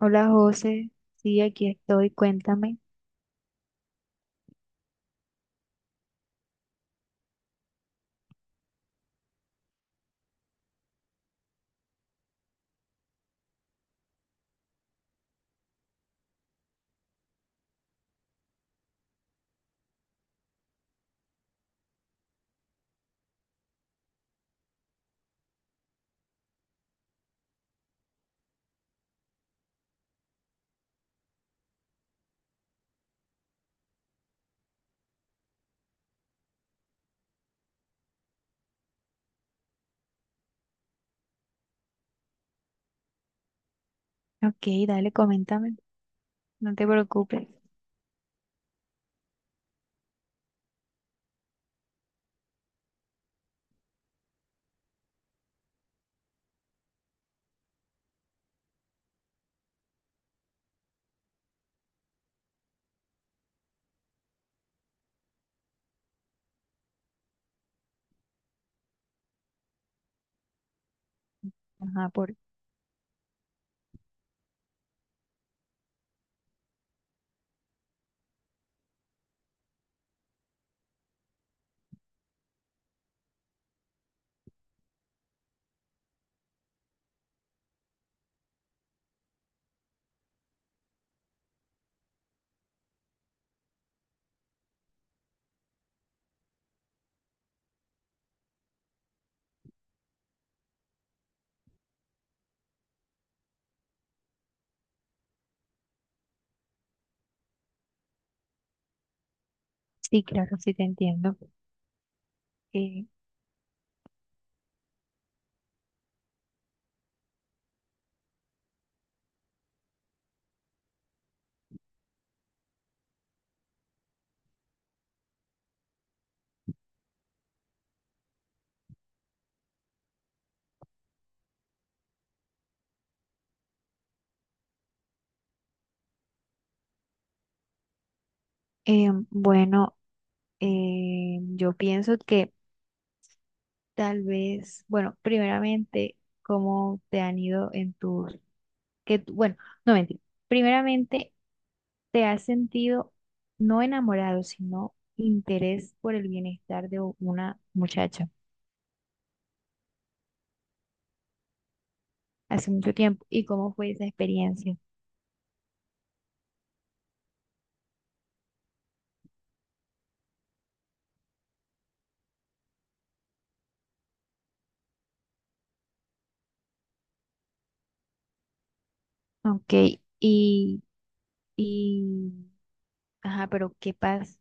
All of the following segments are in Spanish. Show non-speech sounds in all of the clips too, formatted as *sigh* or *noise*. Hola José, sí, aquí estoy, cuéntame. Ok, dale, coméntame, no te preocupes. Ajá, por... Sí, claro, sí te entiendo. Eh, bueno, yo pienso que tal vez, bueno, primeramente, cómo te han ido en tus, que, tú- bueno, no mentira, primeramente, te has sentido no enamorado, sino interés por el bienestar de u- una muchacha hace mucho tiempo y cómo fue esa experiencia. Ok, y, y, ajá, pero ¿qué pasa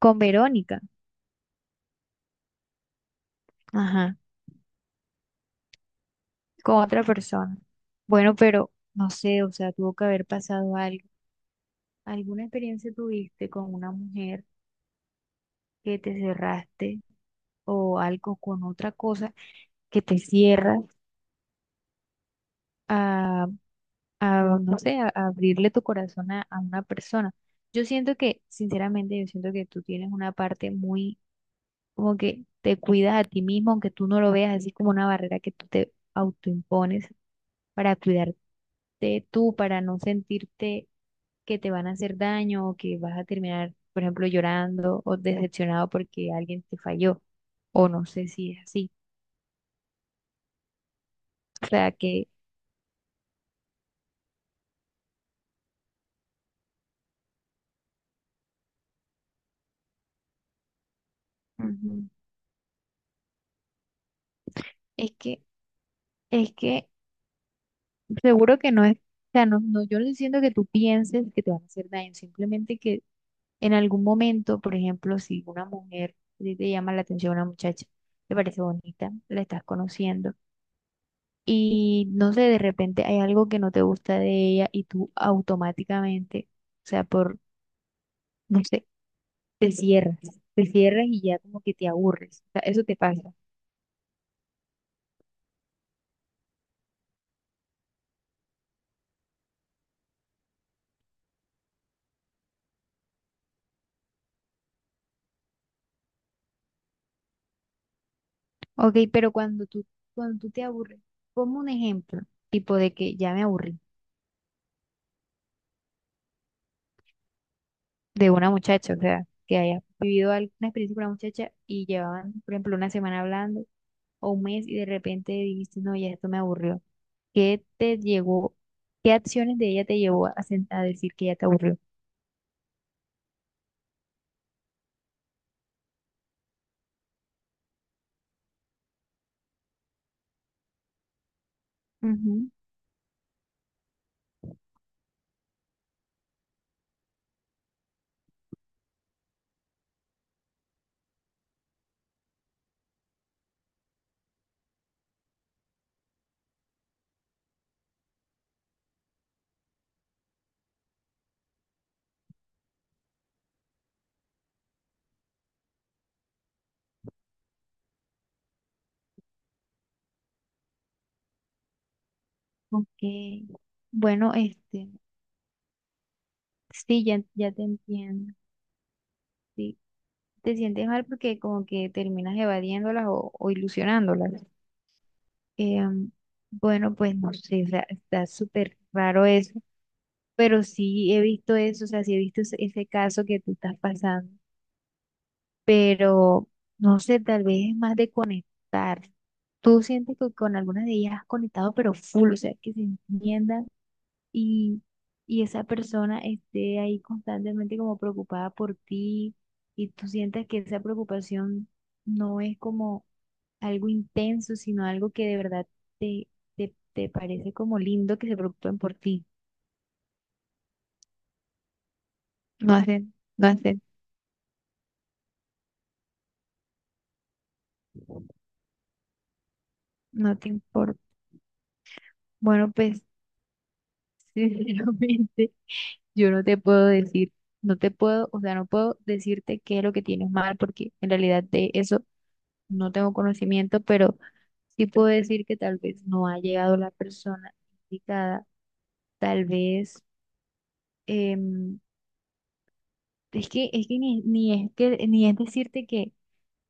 con Verónica? Ajá, con otra persona. Bueno, pero no sé, o sea, tuvo que haber pasado algo. ¿Alguna experiencia tuviste con una mujer que te cerraste o algo con otra cosa que te cierras a, a, no sé, a abrirle tu corazón a una persona? Yo siento que, sinceramente, yo siento que tú tienes una parte muy como que te cuidas a ti mismo, aunque tú no lo veas así como una barrera que tú te autoimpones para cuidarte tú, para no sentirte que te van a hacer daño o que vas a terminar, por ejemplo, llorando o decepcionado porque alguien te falló, o no sé si es así. O sea que Ujú. Es que, es que Seguro que no es, o sea, no, no, yo no estoy diciendo que tú pienses que te van a hacer daño, simplemente que en algún momento, por ejemplo, si una mujer a ti te llama la atención una muchacha, te parece bonita, la estás conociendo y no sé, de repente hay algo que no te gusta de ella y tú automáticamente, o sea, por, no sé, te cierras, te cierras y ya como que te aburres, o sea, eso te pasa. Ok, pero cuando tú te aburres, como un ejemplo, tipo de que ya me aburrí de una muchacha, o sea, que haya vivido alguna experiencia con una muchacha y llevaban, por ejemplo, una semana hablando o un mes y de repente dijiste, no, ya esto me aburrió. ¿Qué te llegó, qué acciones de ella te llevó a, sen- a decir que ya te aburrió? Ujú, ok. Bueno, este, sí, ya, ya te entiendo. Sí, te sientes mal porque como que terminas evadiéndolas o ilusionándolas. Em, bueno, pues no sé, o sea, está súper raro eso pero sí he visto eso, o sea, sí he visto ese, ese caso que tú estás pasando, pero no sé, tal vez es más de conectar. Tú sientes que con alguna de ellas has conectado, pero full, o sea, que se entiendan y, y esa persona esté ahí constantemente como preocupada por ti y tú sientes que esa preocupación no es como algo intenso, sino algo que de verdad te, te, te parece como lindo que se preocupen por ti. No hacen, no hacen, no te importa. Bueno, pues *laughs* sinceramente yo no te puedo decir, no te puedo, o sea, no puedo decirte qué es lo que tienes mal, porque en realidad de eso no tengo conocimiento, pero sí puedo decir que tal vez no ha llegado la persona indicada, tal vez, em, es que ni, ni es que, ni es decirte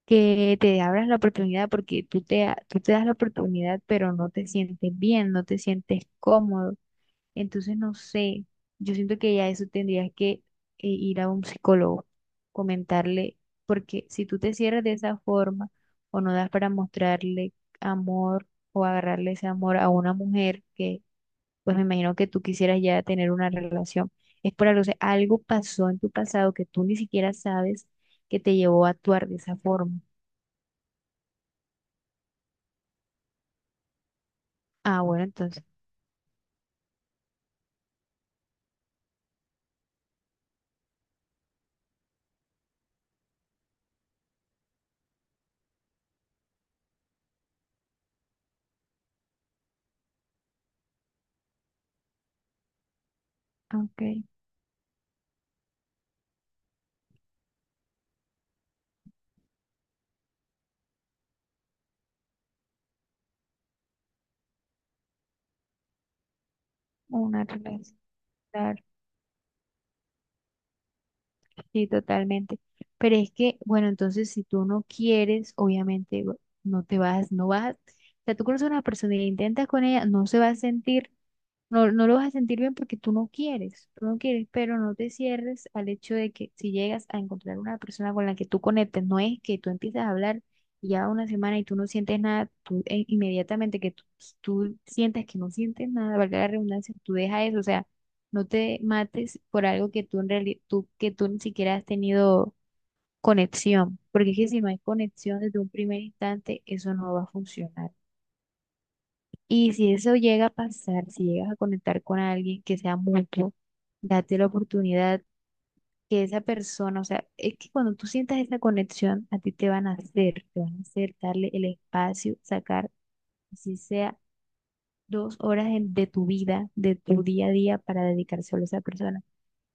que te abras la oportunidad, porque tú te, ha- tú te das la oportunidad, pero no te sientes bien, no te sientes cómodo. Entonces, no sé, yo siento que ya eso tendrías que ir a un psicólogo, comentarle, porque si tú te cierras de esa forma o no das para mostrarle amor o agarrarle ese amor a una mujer que, pues me imagino que tú quisieras ya tener una relación, es por algo, o sea, algo pasó en tu pasado que tú ni siquiera sabes que te llevó a actuar de esa forma. Ah, bueno, entonces, ok, una relación. Sí, totalmente. Pero es que, bueno, entonces si tú no quieres, obviamente bu- no te vas, no vas. O sea, tú conoces a una persona y la intentas con ella, no se va a sentir no, no lo vas a sentir bien porque tú no quieres, pero no te cierres al hecho de que si llegas a encontrar una persona con la que tú conectes, no es que tú empiezas a hablar y ya una semana y tú no sientes nada, tú inmediatamente que tú sientas que no sientes nada, valga la redundancia, tú dejas eso, o sea, no te mates por algo que tú en realidad, tú, que tú ni siquiera has tenido conexión, porque es que si no hay conexión desde un primer instante, eso no va a funcionar. Y si eso llega a pasar, si llegas a conectar con alguien que sea mutuo, date la oportunidad que esa persona, o sea, es que cuando tú sientas esa conexión, a ti te van a hacer, te van a hacer darle el espacio, sacar, si sea 2 horas en- de tu vida, de tu día a día, para dedicar solo a esa persona.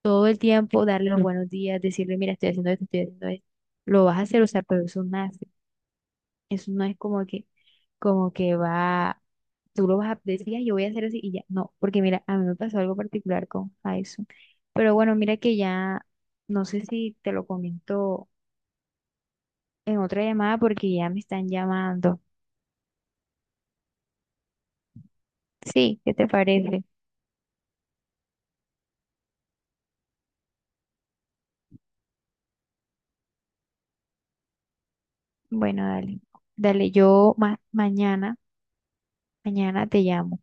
Todo el tiempo, darle los buenos días, decirle, mira, estoy haciendo esto, estoy haciendo esto. Lo vas a hacer, o sea, pero eso una eso no es como que va, tú lo vas a decir, "Ay, yo voy a hacer así y ya." No, porque mira, a mí me pasó algo particular con Faison. Pero bueno, mira que ya, no sé si te lo comento en otra llamada porque ya me están llamando. Sí, ¿qué te parece? Bueno, dale. Dale, yo ma- mañana, mañana te llamo.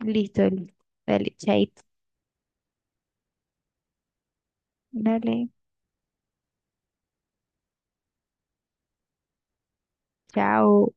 Listo, listo. Dale, chaito. Dale, chao.